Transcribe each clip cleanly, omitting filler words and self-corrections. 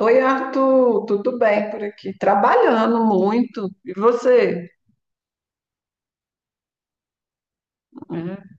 Oi, Arthur, tudo bem por aqui? Trabalhando muito. E você? É,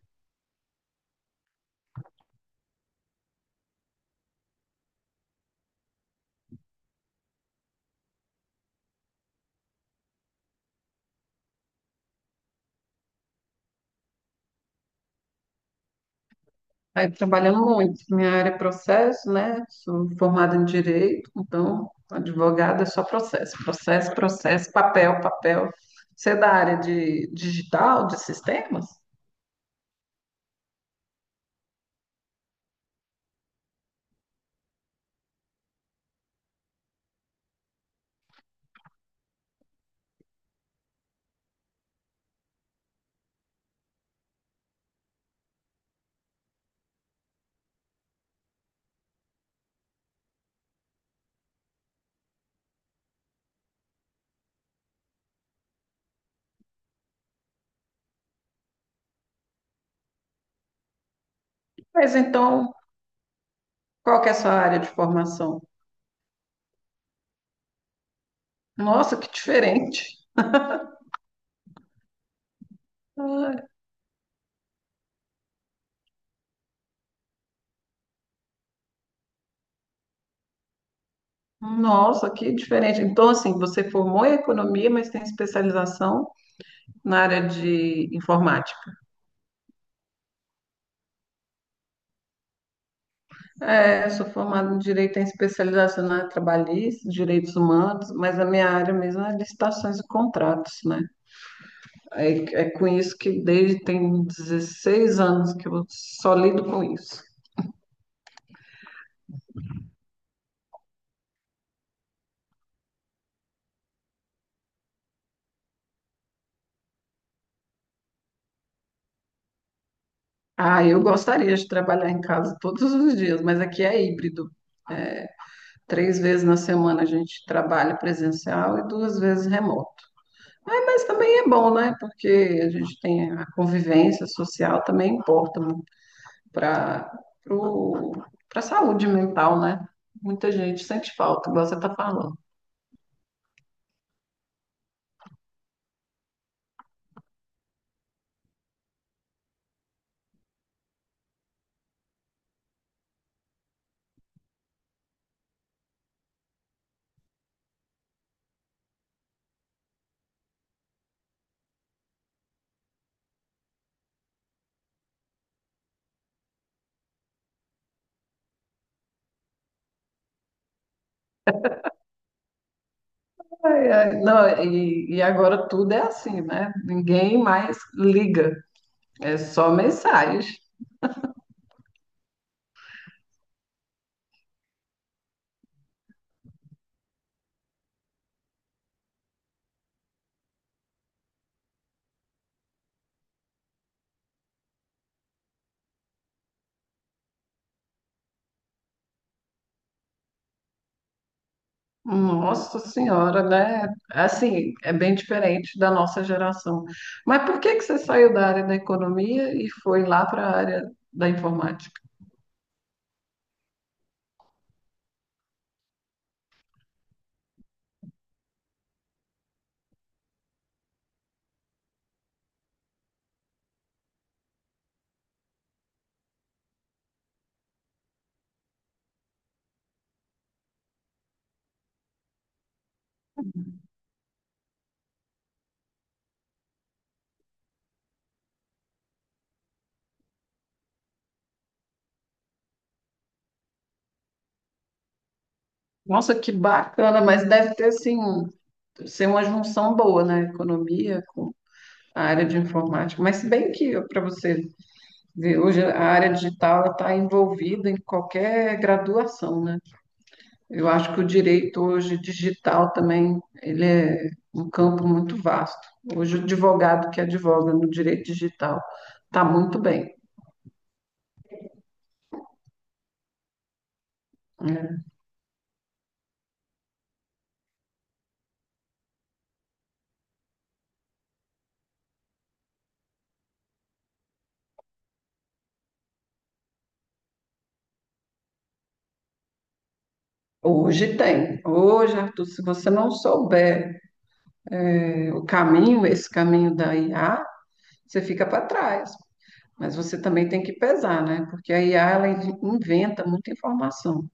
aí trabalhando muito. Minha área é processo, né? Sou formada em direito, então advogada é só processo, processo, processo, papel, papel. Você é da área de digital, de sistemas? Mas então, qual que é a sua área de formação? Nossa, que diferente. Ah, nossa, que diferente. Então, assim, você formou em economia, mas tem especialização na área de informática. É, eu sou formada em direito em especialização na área trabalhista, direitos humanos, mas a minha área mesmo é licitações e contratos, né? É, é com isso que desde tem 16 anos que eu só lido com isso. Ah, eu gostaria de trabalhar em casa todos os dias, mas aqui é híbrido. É, três vezes na semana a gente trabalha presencial e duas vezes remoto. Ah, mas também é bom, né? Porque a gente tem a convivência social, também importa para para saúde mental, né? Muita gente sente falta, igual você está falando. Ai, ai, não, e agora tudo é assim, né? Ninguém mais liga, é só mensagem. Nossa Senhora, né? Assim, é bem diferente da nossa geração. Mas por que que você saiu da área da economia e foi lá para a área da informática? Nossa, que bacana, mas deve ter, assim, ser uma junção boa, né? Economia a área de informática. Mas se bem que, para você ver, hoje a área digital está envolvida em qualquer graduação, né? Eu acho que o direito hoje digital também, ele é um campo muito vasto. Hoje o advogado que advoga no direito digital está muito bem. Né? Hoje tem. Hoje, Arthur, se você não souber o caminho, esse caminho da IA, você fica para trás. Mas você também tem que pesar, né? Porque a IA, ela inventa muita informação.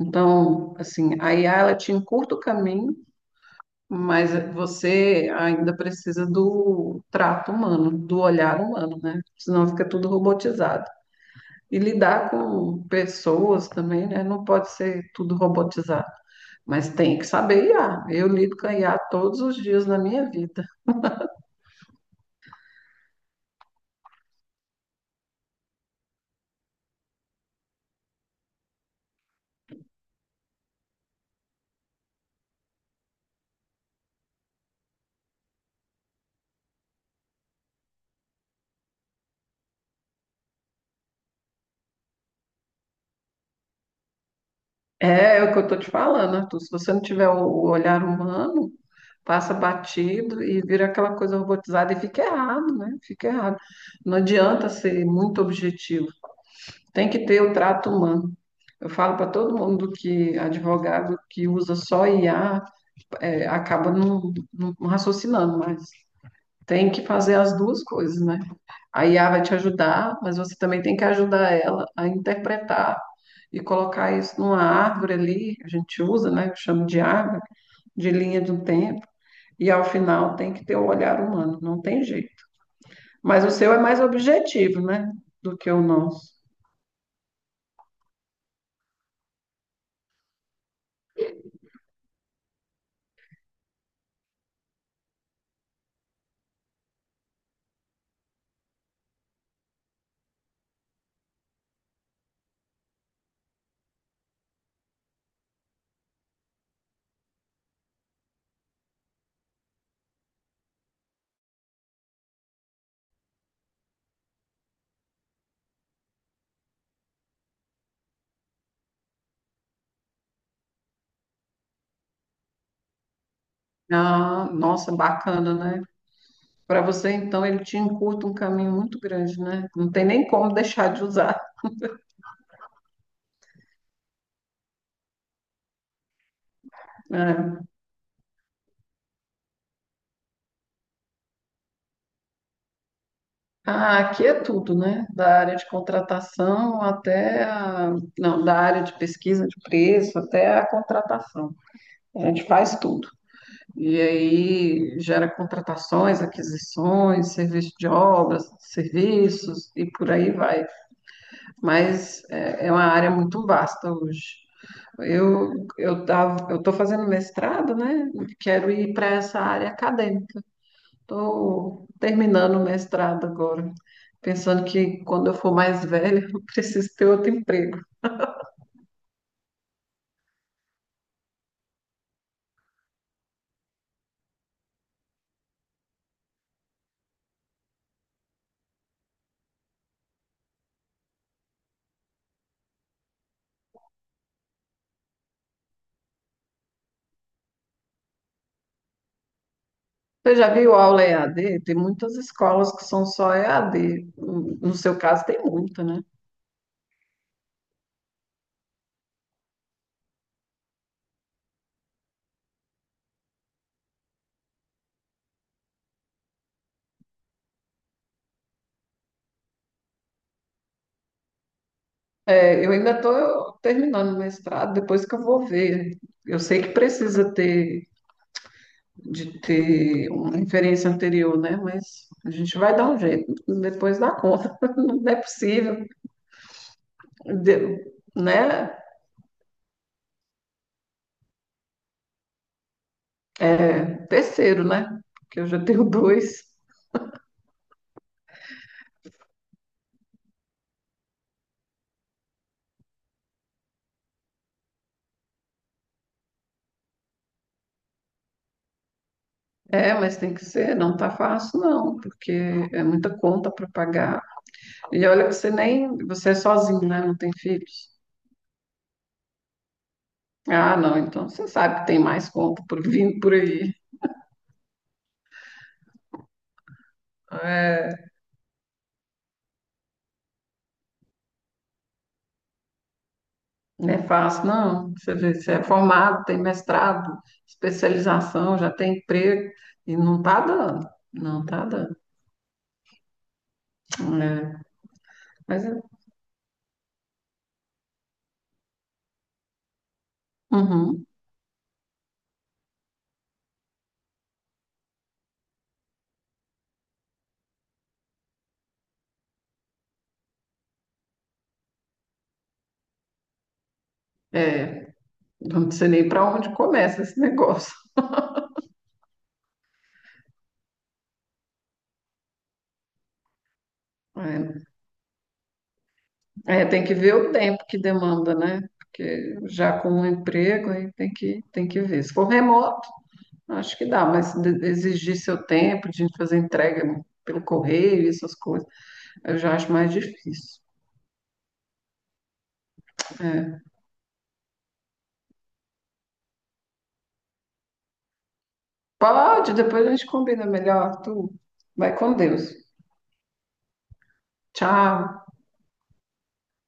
Então, assim, a IA ela te encurta o caminho, mas você ainda precisa do trato humano, do olhar humano, né? Senão fica tudo robotizado. E lidar com pessoas também, né? Não pode ser tudo robotizado, mas tem que saber IA. Eu lido com a IA todos os dias na minha vida. É, é o que eu estou te falando, Arthur. Se você não tiver o olhar humano, passa batido e vira aquela coisa robotizada e fica errado, né? Fica errado. Não adianta ser muito objetivo. Tem que ter o trato humano. Eu falo para todo mundo que advogado que usa só IA é, acaba não, não raciocinando, mas tem que fazer as duas coisas, né? A IA vai te ajudar, mas você também tem que ajudar ela a interpretar e colocar isso numa árvore ali, que a gente usa, né? Eu chamo de árvore, de linha do tempo. E ao final tem que ter o olhar humano, não tem jeito. Mas o seu é mais objetivo, né? Do que o nosso. Ah, nossa, bacana, né? Para você, então, ele te encurta um caminho muito grande, né? Não tem nem como deixar de usar. Né? Ah, aqui é tudo, né? Da área de contratação até a. Não, da área de pesquisa de preço até a contratação. A gente faz tudo. E aí gera contratações, aquisições, serviço de obras, serviços e por aí vai. Mas é uma área muito vasta hoje. Eu eu estou fazendo mestrado, né? Quero ir para essa área acadêmica. Estou terminando o mestrado agora, pensando que quando eu for mais velha, eu preciso ter outro emprego. Você já viu aula EAD? Tem muitas escolas que são só EAD. No seu caso, tem muita, né? É, eu ainda estou terminando o mestrado, depois que eu vou ver. Eu sei que precisa ter de ter uma referência anterior, né? Mas a gente vai dar um jeito, depois dá conta. Não é possível, de- né? É, terceiro, né? Porque eu já tenho dois. É, mas tem que ser, não tá fácil não, porque é muita conta para pagar. E olha que você nem, você é sozinho, né? Não tem filhos. Ah, não, então você sabe que tem mais conta por vindo por aí. É, não é fácil, não. Você vê, você é formado, tem mestrado, especialização, já tem emprego e não tá dando. Não tá dando. É, mas é, uhum, é, não sei nem para onde começa esse negócio. É. É, tem que ver o tempo que demanda, né? Porque já com o emprego aí tem que ver. Se for remoto, acho que dá, mas exigir seu tempo de fazer entrega pelo correio e essas coisas, eu já acho mais difícil. É. Pode, depois a gente combina melhor. Tu vai com Deus. Tchau.